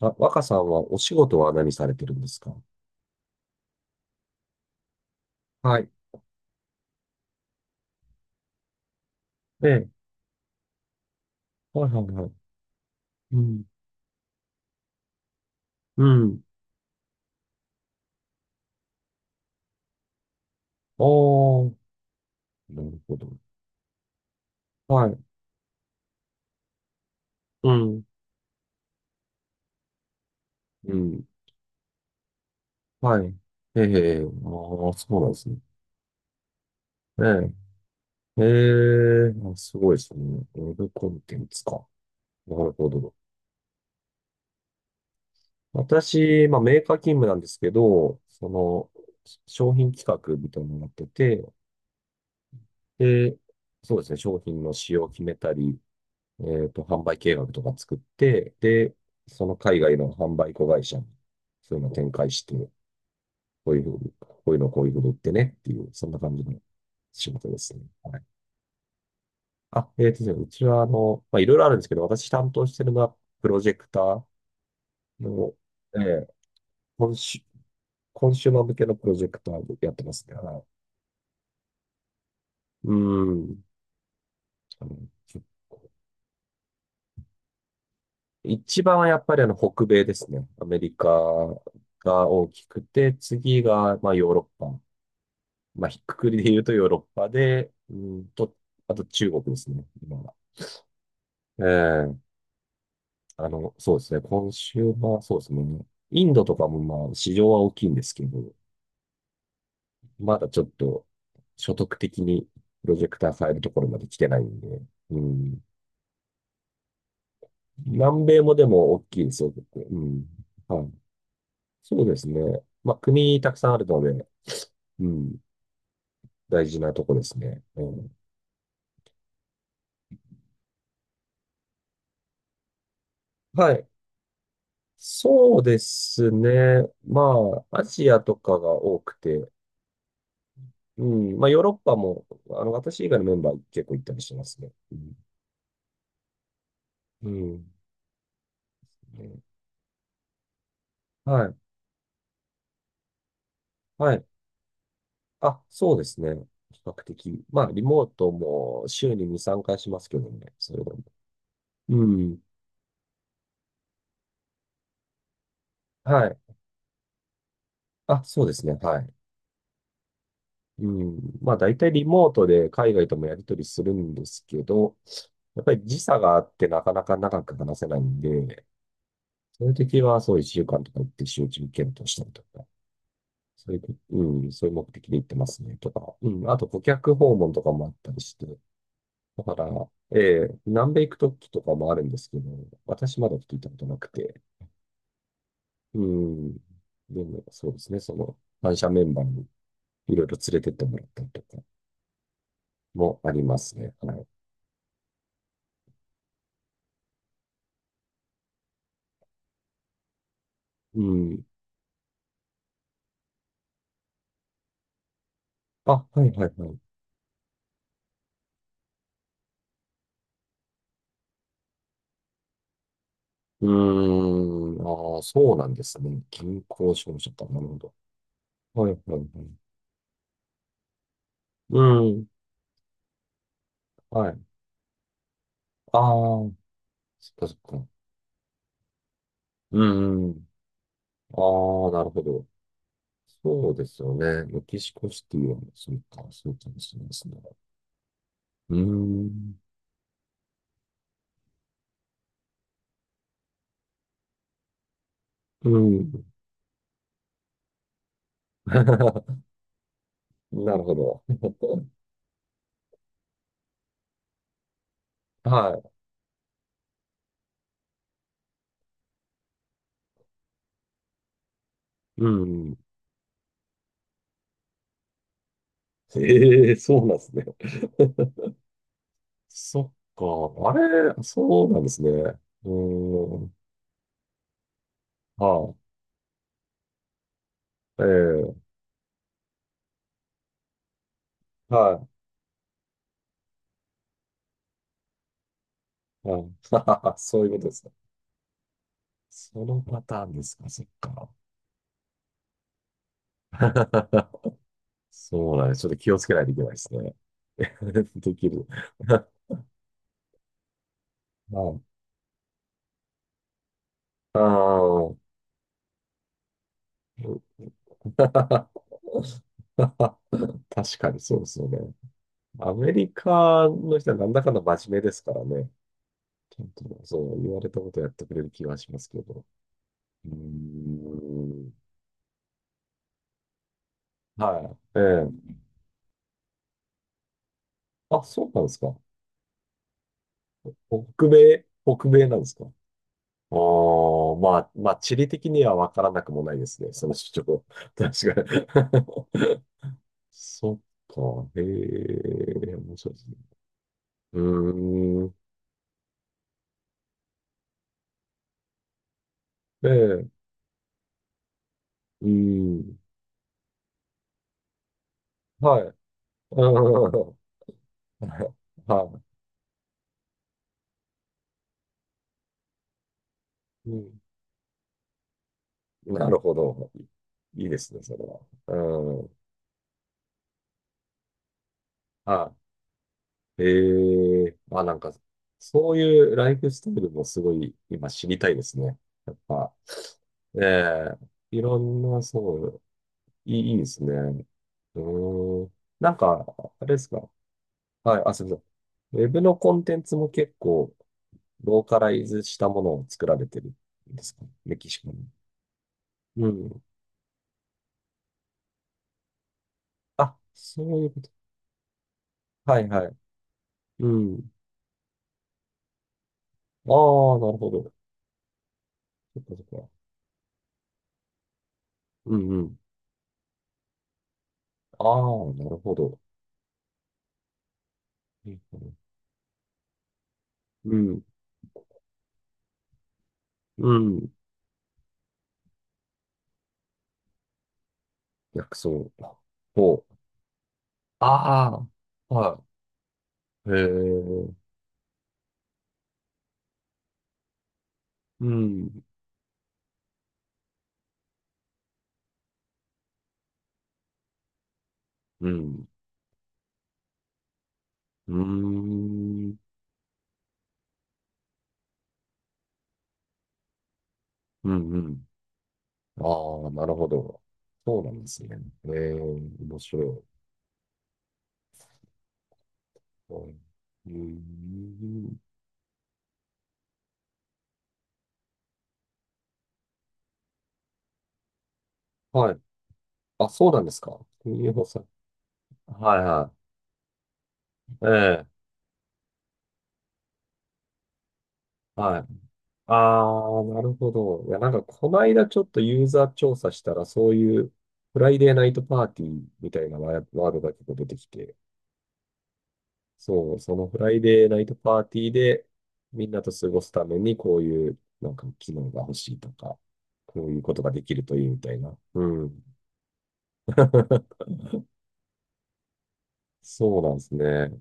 あ、若さんはお仕事は何されてるんですか？はい。ええ。はいはいはい。うん。うん。ああ、なるほど。はい。うん。うん。はい。ええ、ああ、そうなんですね。ええ。ええ。あ、すごいですね。ウェブコンテンツか。なるほど。私、まあ、メーカー勤務なんですけど、その、商品企画みたいなのをやってて、で、そうですね、商品の仕様を決めたり、販売計画とか作って、で、その海外の販売子会社に、そういうのを展開して、こういうふうに、こういうのをこういうふうに売ってねっていう、そんな感じの仕事ですね。はい。あ、えっとですね、うちは、まあ、いろいろあるんですけど、私担当してるのは、プロジェクターの、えー、コンシュコンシューマー向けのプロジェクターをやってますね。はい。うん。あの結構一番はやっぱり北米ですね。アメリカが大きくて、次がまあヨーロッパ。まあ、ひっくくりで言うとヨーロッパで、あと中国ですね、今は。ええそうですね、今週はそうですね、インドとかもまあ、市場は大きいんですけど、まだちょっと、所得的にプロジェクター変えるところまで来てないんで、うん。南米もでも大きいですよ、結構。うん。はい。そうですね。まあ、国たくさんあるので、うん。大事なとこですね。うん。はい。そうですね。まあ、アジアとかが多くて、うん。まあ、ヨーロッパも、私以外のメンバー結構行ったりしてますね。うん。うんね。はい。はい。あ、そうですね。比較的。まあ、リモートも週に2、3回しますけどね。それでも。うん。はい。あ、そうですね。はい。うん。まあ、大体リモートで海外ともやり取りするんですけど、やっぱり時差があってなかなか長く話せないんで、そういう時は、そう、一週間とか行って集中検討したりとか、そういうこ、うん、そういう目的で行ってますね、とか、うん、あと顧客訪問とかもあったりして、だから、ええ、南米行く時とかもあるんですけど、私まだ聞いたことなくて、うん、でも、そうですね、その、反社メンバーにいろいろ連れてってもらったりとかもありますね、はい。うん。あ、はいはいはい。うーん、ああ、そうなんですね。銀行商社か、なるほど。はいはいはい。うん、はい。ああ、そっかそっか。うんうん。ああ、なるほど。そうですよね。メキシコシティは、そうか、そうかもしれないですね。うーん。うん。なるほど。はい。うん。ええ、そうなんですね。そっか。あれ、そうなんですね。うーん。はい。ええ、はい。はい。そういうことですか。そのパターンですか。そっか。そうなんです。ちょっと気をつけないといけないですね。できる。はい、あー。 確かにそうですよね。アメリカの人はなんだかんだ真面目ですからね。ちゃんとそう言われたことやってくれる気がしますけど。うーん。はい。ええ。あ、そうなんですか。北米、北米なんですか。ああ、まあ、まあ、地理的には分からなくもないですね。その主張。確かに。そっか。へえ、面白いですね。うーん。ええ、うーん。はい。うん。はい。うん。なるほど。いいですね、それは。うん。はい。ええ、あ、なんか、そういうライフスタイルもすごい今知りたいですね。やっぱ、ええ、いろんな、そう、いい、いいですね。うーん。なんか、あれですか。はい、あ、すみません。ウェブのコンテンツも結構ローカライズしたものを作られてるんですか？メキシコに。うん。あ、そういうこと。はいはい。うん。ああ、なるほど。そっかそっか。うんうん。ああ、なるほど。うんうん。うん。薬草。ほう。ああ、はい。へえ。うん。うん。うーん。うんうん。ああ、なるほど。そうなんですね。ええ、面白い。うん。うーん。はい。あ、そうなんですか。ユーホさん。はいはい。ええ。はい。ああ、なるほど。いや、なんか、この間ちょっとユーザー調査したら、そういう、フライデーナイトパーティーみたいなワードが結構出てきて、そう、そのフライデーナイトパーティーで、みんなと過ごすために、こういう、なんか、機能が欲しいとか、こういうことができるといいみたいな。うん。そうなんですね。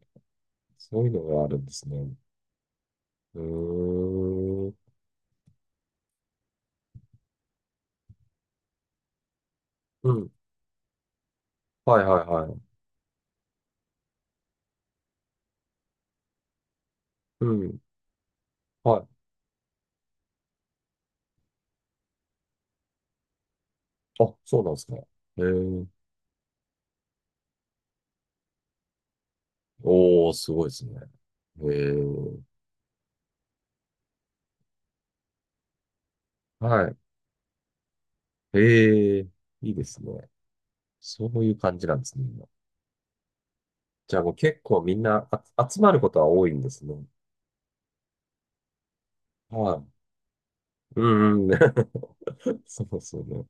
そういうのがあるんですね。うーん。うん。はいはいはい。うん。はい。あ、そうなんですか。へえ。おー、すごいですね。へえ。はい。へえ。いいですね。そういう感じなんですね。じゃあもう結構みんな、あ、集まることは多いんですね。はい。うんうん。そうですよね。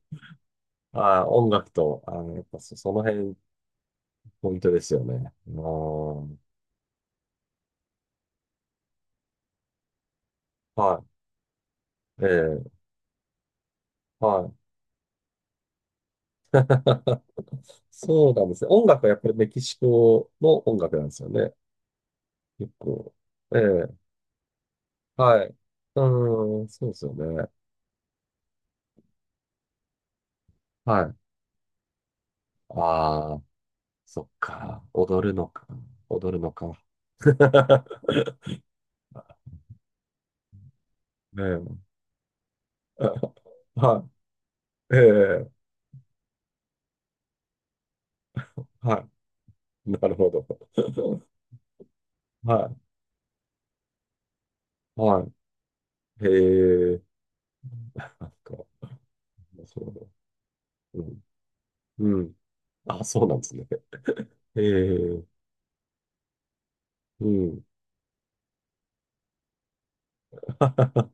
ああ、音楽と、ああ、やっぱその辺、ポイントですよね。あー、はい。ええ、はい。そうなんですね。音楽はやっぱりメキシコの音楽なんですよね。結構。ええ、はい。うん、そうですよね。はい。ああ、そっか。踊るのか。踊るのか。ねえ。はい。ええ、はい。なるほど。はい。はい。へえ。なんか、そうだ。うん。うん。あ、そうなんですね。ええ。うん。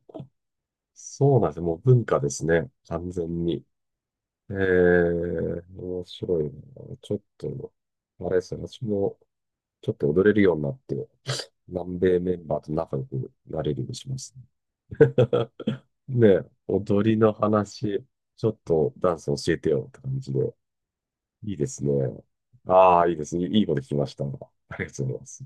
そうなんですね。もう文化ですね。完全に。ええ、面白いな。ちょっと、あれですね。私も、ちょっと踊れるようになって、南米メンバーと仲良くなれるようにしますね。ねえ、踊りの話、ちょっとダンス教えてよって感じで。いいですね。ああ、いいですね。いいこと聞きました。ありがとうございます。